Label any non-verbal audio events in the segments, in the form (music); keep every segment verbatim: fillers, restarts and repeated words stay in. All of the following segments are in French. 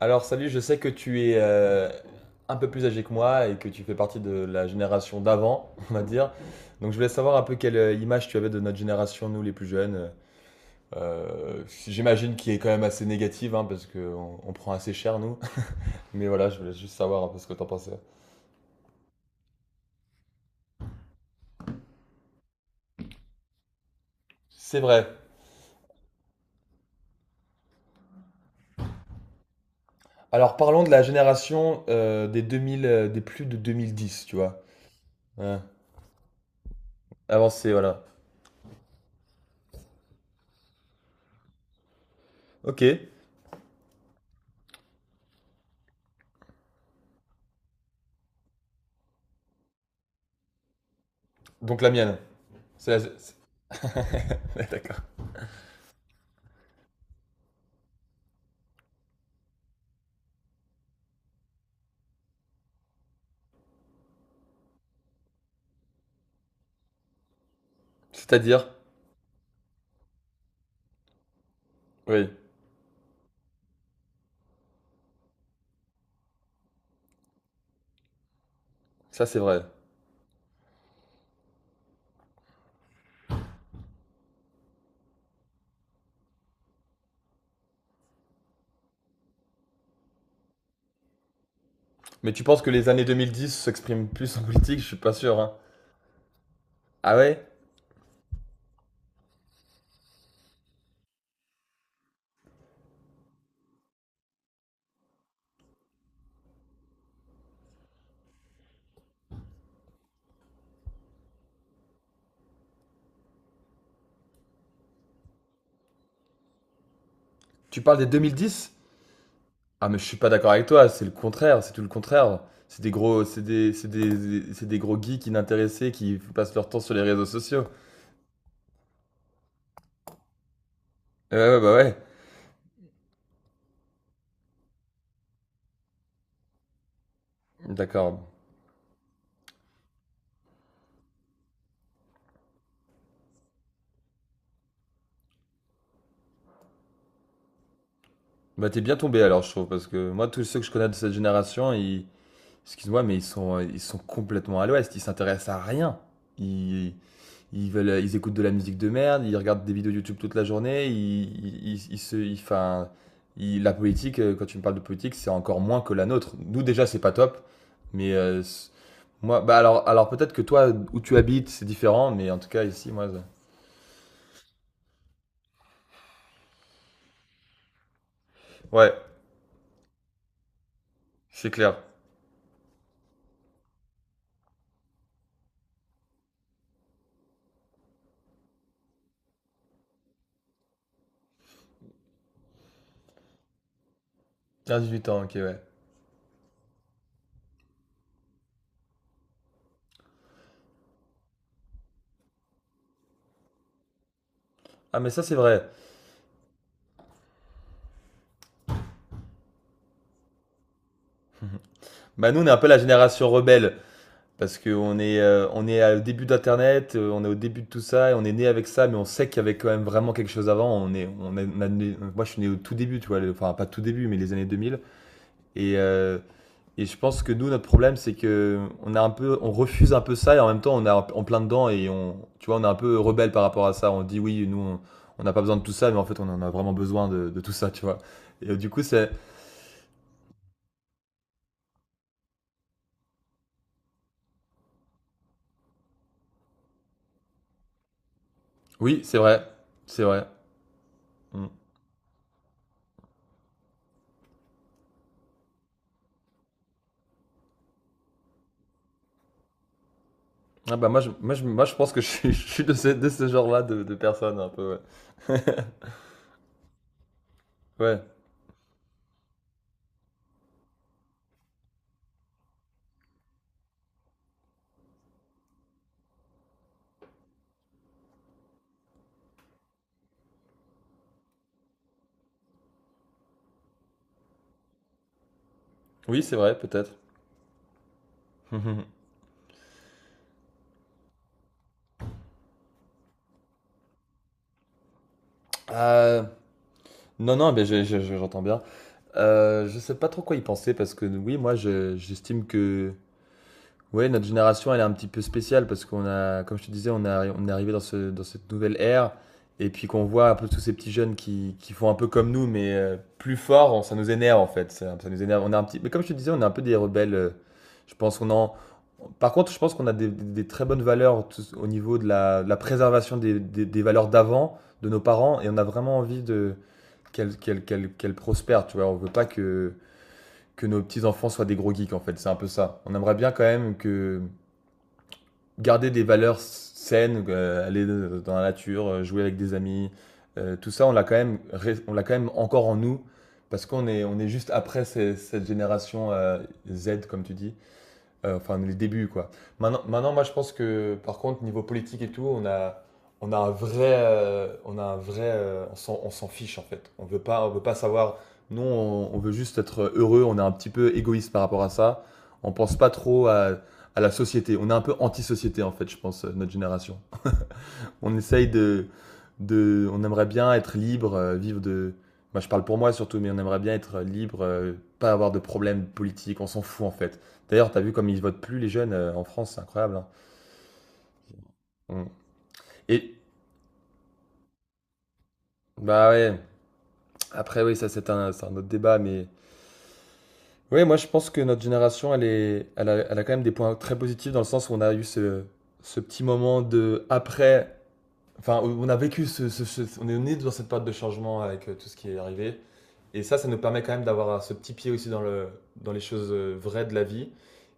Alors salut, je sais que tu es euh, un peu plus âgé que moi et que tu fais partie de la génération d'avant, (laughs) on va dire. Donc je voulais savoir un peu quelle euh, image tu avais de notre génération, nous les plus jeunes. Euh, j'imagine qui est quand même assez négative, hein, parce qu'on on prend assez cher, nous. (laughs) Mais voilà, je voulais juste savoir un peu ce que t'en pensais. C'est vrai. Alors parlons de la génération euh, des deux mille, euh, des plus de deux mille dix, tu vois. Ouais. Avancée, voilà. Ok. Donc la mienne. C'est la... (laughs) c'est- D'accord. C'est-à-dire? Oui. Ça, c'est vrai. Mais tu penses que les années deux mille dix s'expriment plus en politique? Je suis pas sûr, hein. Ah ouais. Tu parles des deux mille dix? Ah, mais je suis pas d'accord avec toi. C'est le contraire. C'est tout le contraire. C'est des gros, c'est des, c'est des, des- C'est des gros geeks inintéressés qui passent leur temps sur les réseaux sociaux. Ouais, ouais, bah ouais. D'accord. Bah t'es bien tombé alors, je trouve, parce que moi, tous ceux que je connais de cette génération, ils, excuse-moi, mais ils sont, ils sont complètement à l'ouest. Ils s'intéressent à rien. Ils, ils veulent, ils écoutent de la musique de merde, ils regardent des vidéos YouTube toute la journée, ils, ils, ils se, ils, 'fin, ils- la politique, euh, quand tu me parles de politique, c'est encore moins que la nôtre. Nous déjà, c'est pas top, mais euh, c- moi, bah alors, alors peut-être que toi, où tu habites, c'est différent, mais en tout cas ici, moi, je- ouais, c'est clair. quinze dix-huit ans, ok, ouais. Ah mais ça c'est vrai. Bah nous, on est un peu la génération rebelle. Parce qu'on est, euh, on est au début d'Internet, euh, on est au début de tout ça, et on est né avec ça, mais on sait qu'il y avait quand même vraiment quelque chose avant. On est, on est- on a né- moi, je suis né au tout début, tu vois, le- enfin pas tout début, mais les années deux mille. Et, euh, et je pense que nous, notre problème, c'est que on a un peu, on refuse un peu ça, et en même temps, on est en plein dedans, et on, tu vois, on est un peu rebelle par rapport à ça. On dit oui, nous, on- on n'a pas besoin de tout ça, mais en fait, on en a vraiment besoin de, de tout ça, tu vois. Et euh, du coup, c'est, oui, c'est vrai, c'est vrai. Mm. Ah bah moi je, moi, je, moi, je pense que je suis, (laughs) je suis de ce, de ce genre-là de, de personnes un peu. Ouais. Ouais. Oui, c'est vrai, peut-être. (laughs) Euh, non, non, mais je- je- j'entends bien. Euh, je sais pas trop quoi y penser parce que oui, moi je- j'estime que oui, notre génération, elle est un petit peu spéciale parce qu'on a, comme je te disais, on, a, on est arrivé dans, ce, dans cette nouvelle ère et puis qu'on voit un peu tous ces petits jeunes qui, qui font un peu comme nous, mais euh, plus fort, on- ça nous énerve en fait. Ça, ça nous énerve. On est un petit, mais comme je te disais, on est un peu des rebelles. Euh, je pense qu'on en. Par contre, je pense qu'on a des, des- des très bonnes valeurs tous- au niveau de la, de la préservation des, des- des valeurs d'avant, de nos parents, et on a vraiment envie de qu'elles qu'elles- qu'elles- qu'elles prospèrent. Tu vois, on veut pas que que nos petits enfants soient des gros geeks en fait. C'est un peu ça. On aimerait bien quand même que garder des valeurs saines, euh, aller euh, dans la nature, euh, jouer avec des amis, euh, tout ça, on l'a quand même, on l'a quand même encore en nous parce qu'on est, on est juste après ces- cette génération euh, Z, comme tu dis, euh, enfin, les débuts, quoi. Maintenant, maintenant, moi, je pense que, par contre, niveau politique et tout, on a, on a un vrai, euh, on a un vrai, euh, on s'en, on s'en fiche en fait. On veut pas, on veut pas savoir. Nous, on, on veut juste être heureux. On est un petit peu égoïste par rapport à ça. On pense pas trop à, à la société. On est un peu anti-société en fait, je pense, euh, notre génération. On essaye de, de, on aimerait bien être libre, euh, vivre de. Moi, je parle pour moi surtout, mais on aimerait bien être libre, euh, pas avoir de problèmes politiques. On s'en fout en fait. D'ailleurs, t'as vu comme ils votent plus les jeunes euh, en France, c'est incroyable, hein. On- Et bah ouais. Après, oui, ça c'est un, c'est un autre débat, mais oui moi je pense que notre génération, elle est, elle a, elle a quand même des points très positifs dans le sens où on a eu ce, ce petit moment de après. Enfin, on a vécu ce, ce- ce- on est né dans cette période de changement avec euh, tout ce qui est arrivé. Et ça, ça nous permet quand même d'avoir euh, ce petit pied aussi dans le, dans les choses euh, vraies de la vie,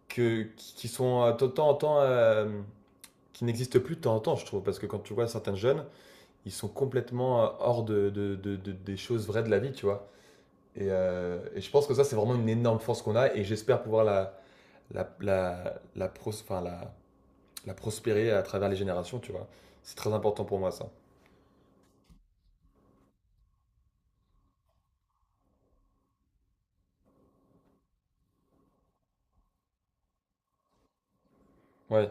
que, qui qui sont euh, de temps en temps, euh, qui n'existent plus de temps en temps, je trouve. Parce que quand tu vois certains jeunes, ils sont complètement euh, hors de, de- de- de- des choses vraies de la vie, tu vois. Et, euh, et je pense que ça, c'est vraiment une énorme force qu'on a et j'espère pouvoir la, la, la, la, pros- enfin, la, la prospérer à travers les générations, tu vois. C'est très important pour moi, ça. Ouais,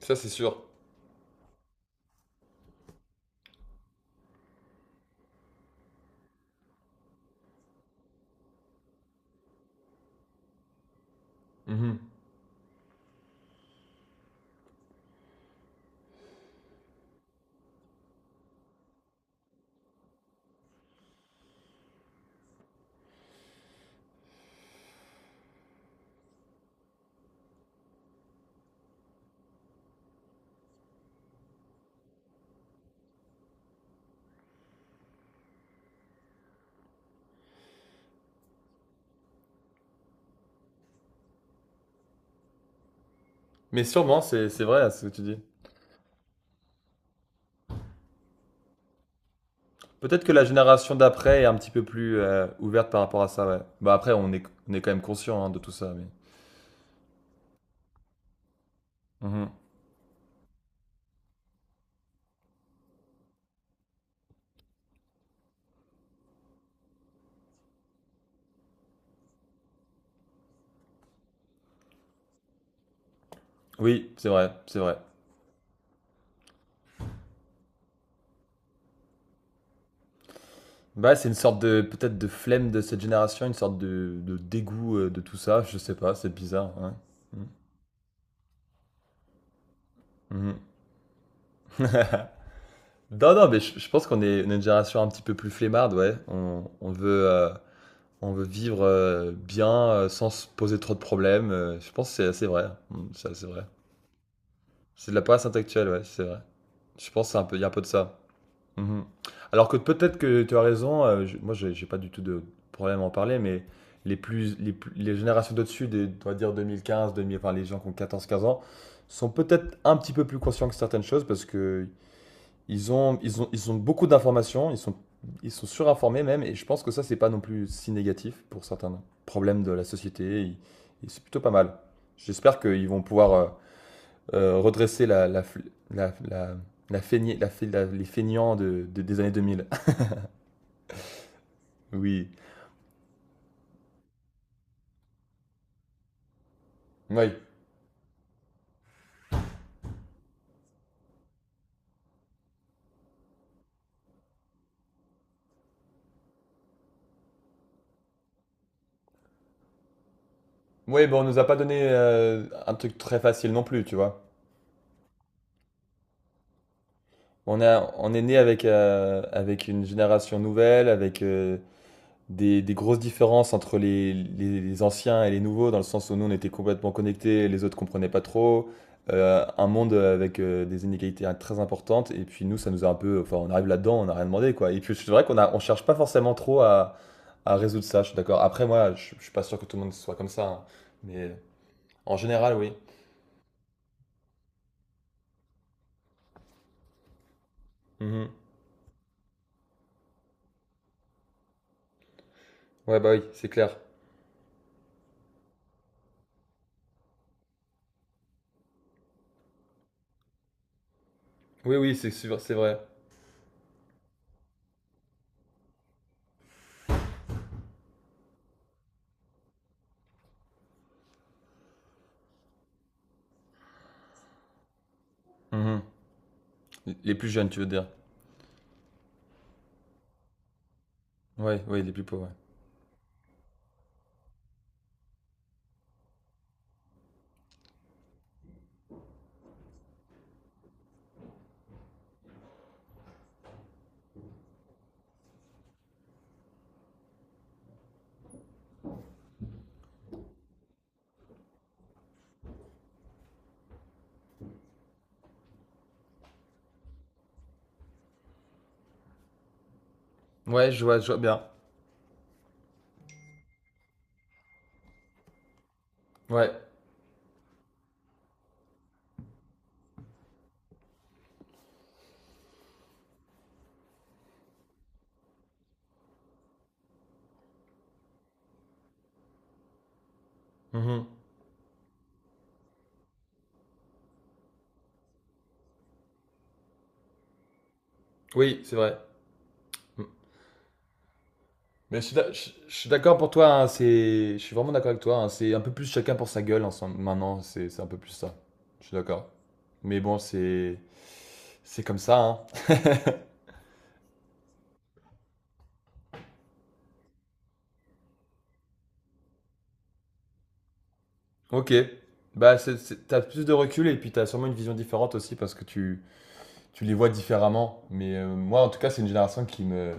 ça, c'est sûr. Mhm. Mais sûrement, c'est c'est vrai ce que tu dis. Peut-être que la génération d'après est un petit peu plus euh, ouverte par rapport à ça, ouais. Bah après, on est, on est quand même conscient hein, de tout ça, mais... Mhm. Oui, c'est vrai, c'est vrai. Bah c'est une sorte de, peut-être de flemme de cette génération, une sorte de, de dégoût euh, de tout ça, je sais pas, c'est bizarre, ouais. Mhm. Mhm. Non, non, mais je, je pense qu'on est, on est une génération un petit peu plus flemmarde, ouais. On, on veut, euh, on veut vivre euh, bien, euh, sans se poser trop de problèmes. Euh, je pense que c'est assez vrai. Mm, c'est assez vrai. C'est de la paresse actuelle, ouais, c'est vrai. Je pense qu'il y a un peu de ça. Mhm. Alors que peut-être que tu as raison, euh, je- moi j'ai j'ai pas du tout de problème à en parler, mais les, plus, les, plus- les générations d'au-dessus, des- on va dire deux mille quinze, deux mille, enfin les gens qui ont quatorze quinze ans, sont peut-être un petit peu plus conscients que certaines choses parce que ils ont, ils ont, ils ont beaucoup d'informations, ils sont, ils sont surinformés même, et je pense que ça c'est pas non plus si négatif pour certains problèmes de la société, et- et c'est plutôt pas mal. J'espère qu'ils vont pouvoir euh, euh, redresser la, la, la, la, la feignée- la fe- la- les feignants de, de- des années deux mille. (laughs) Oui. Oui. Oui, bon, on nous a pas donné euh, un truc très facile non plus, tu vois. On a, on est né avec, euh, avec une génération nouvelle, avec euh, des, des grosses différences entre les, les, les anciens et les nouveaux, dans le sens où nous on était complètement connectés, les autres comprenaient pas trop. Euh, un monde avec euh, des inégalités très importantes, et puis nous ça nous a un peu. Enfin, on arrive là-dedans, on n'a rien demandé quoi. Et puis c'est vrai qu'on a, on cherche pas forcément trop à, à résoudre ça, je suis d'accord. Après, moi je, je suis pas sûr que tout le monde soit comme ça, hein, mais en général, oui. Mhm. Ouais, bah oui, c'est clair. Oui, oui, c'est sûr, c'est vrai. Mhm. Les plus jeunes, tu veux dire. Ouais, ouais, les plus pauvres, ouais. Ouais, je vois, je vois bien. Ouais. Mhm. Oui, c'est vrai. Mm. Mais je suis d'a- je- je suis d'accord pour toi, hein, c'est... Je suis vraiment d'accord avec toi, hein, c'est un peu plus chacun pour sa gueule ensemble. Maintenant, c'est c'est un peu plus ça. Je suis d'accord. Mais bon, c'est... C'est comme ça, hein. Ok. Bah, c'est- c'est- t'as plus de recul et puis t'as sûrement une vision différente aussi parce que tu, tu les vois différemment. Mais euh, moi, en tout cas, c'est une génération qui me,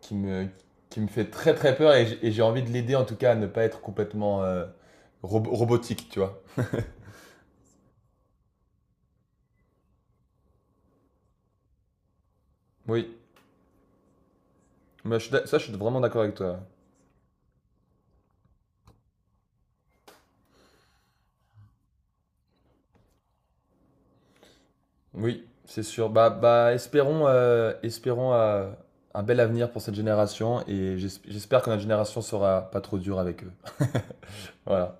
qui me, qui me fait très très peur et j'ai et j'ai envie de l'aider en tout cas à ne pas être complètement euh, rob- robotique, tu vois. Oui, moi, je suis d'a- ça, je suis vraiment d'accord avec toi. Oui, c'est sûr. Bah, bah, espérons, euh, espérons euh, un bel avenir pour cette génération et j'esp- j'espère que notre génération sera pas trop dure avec eux. Voilà.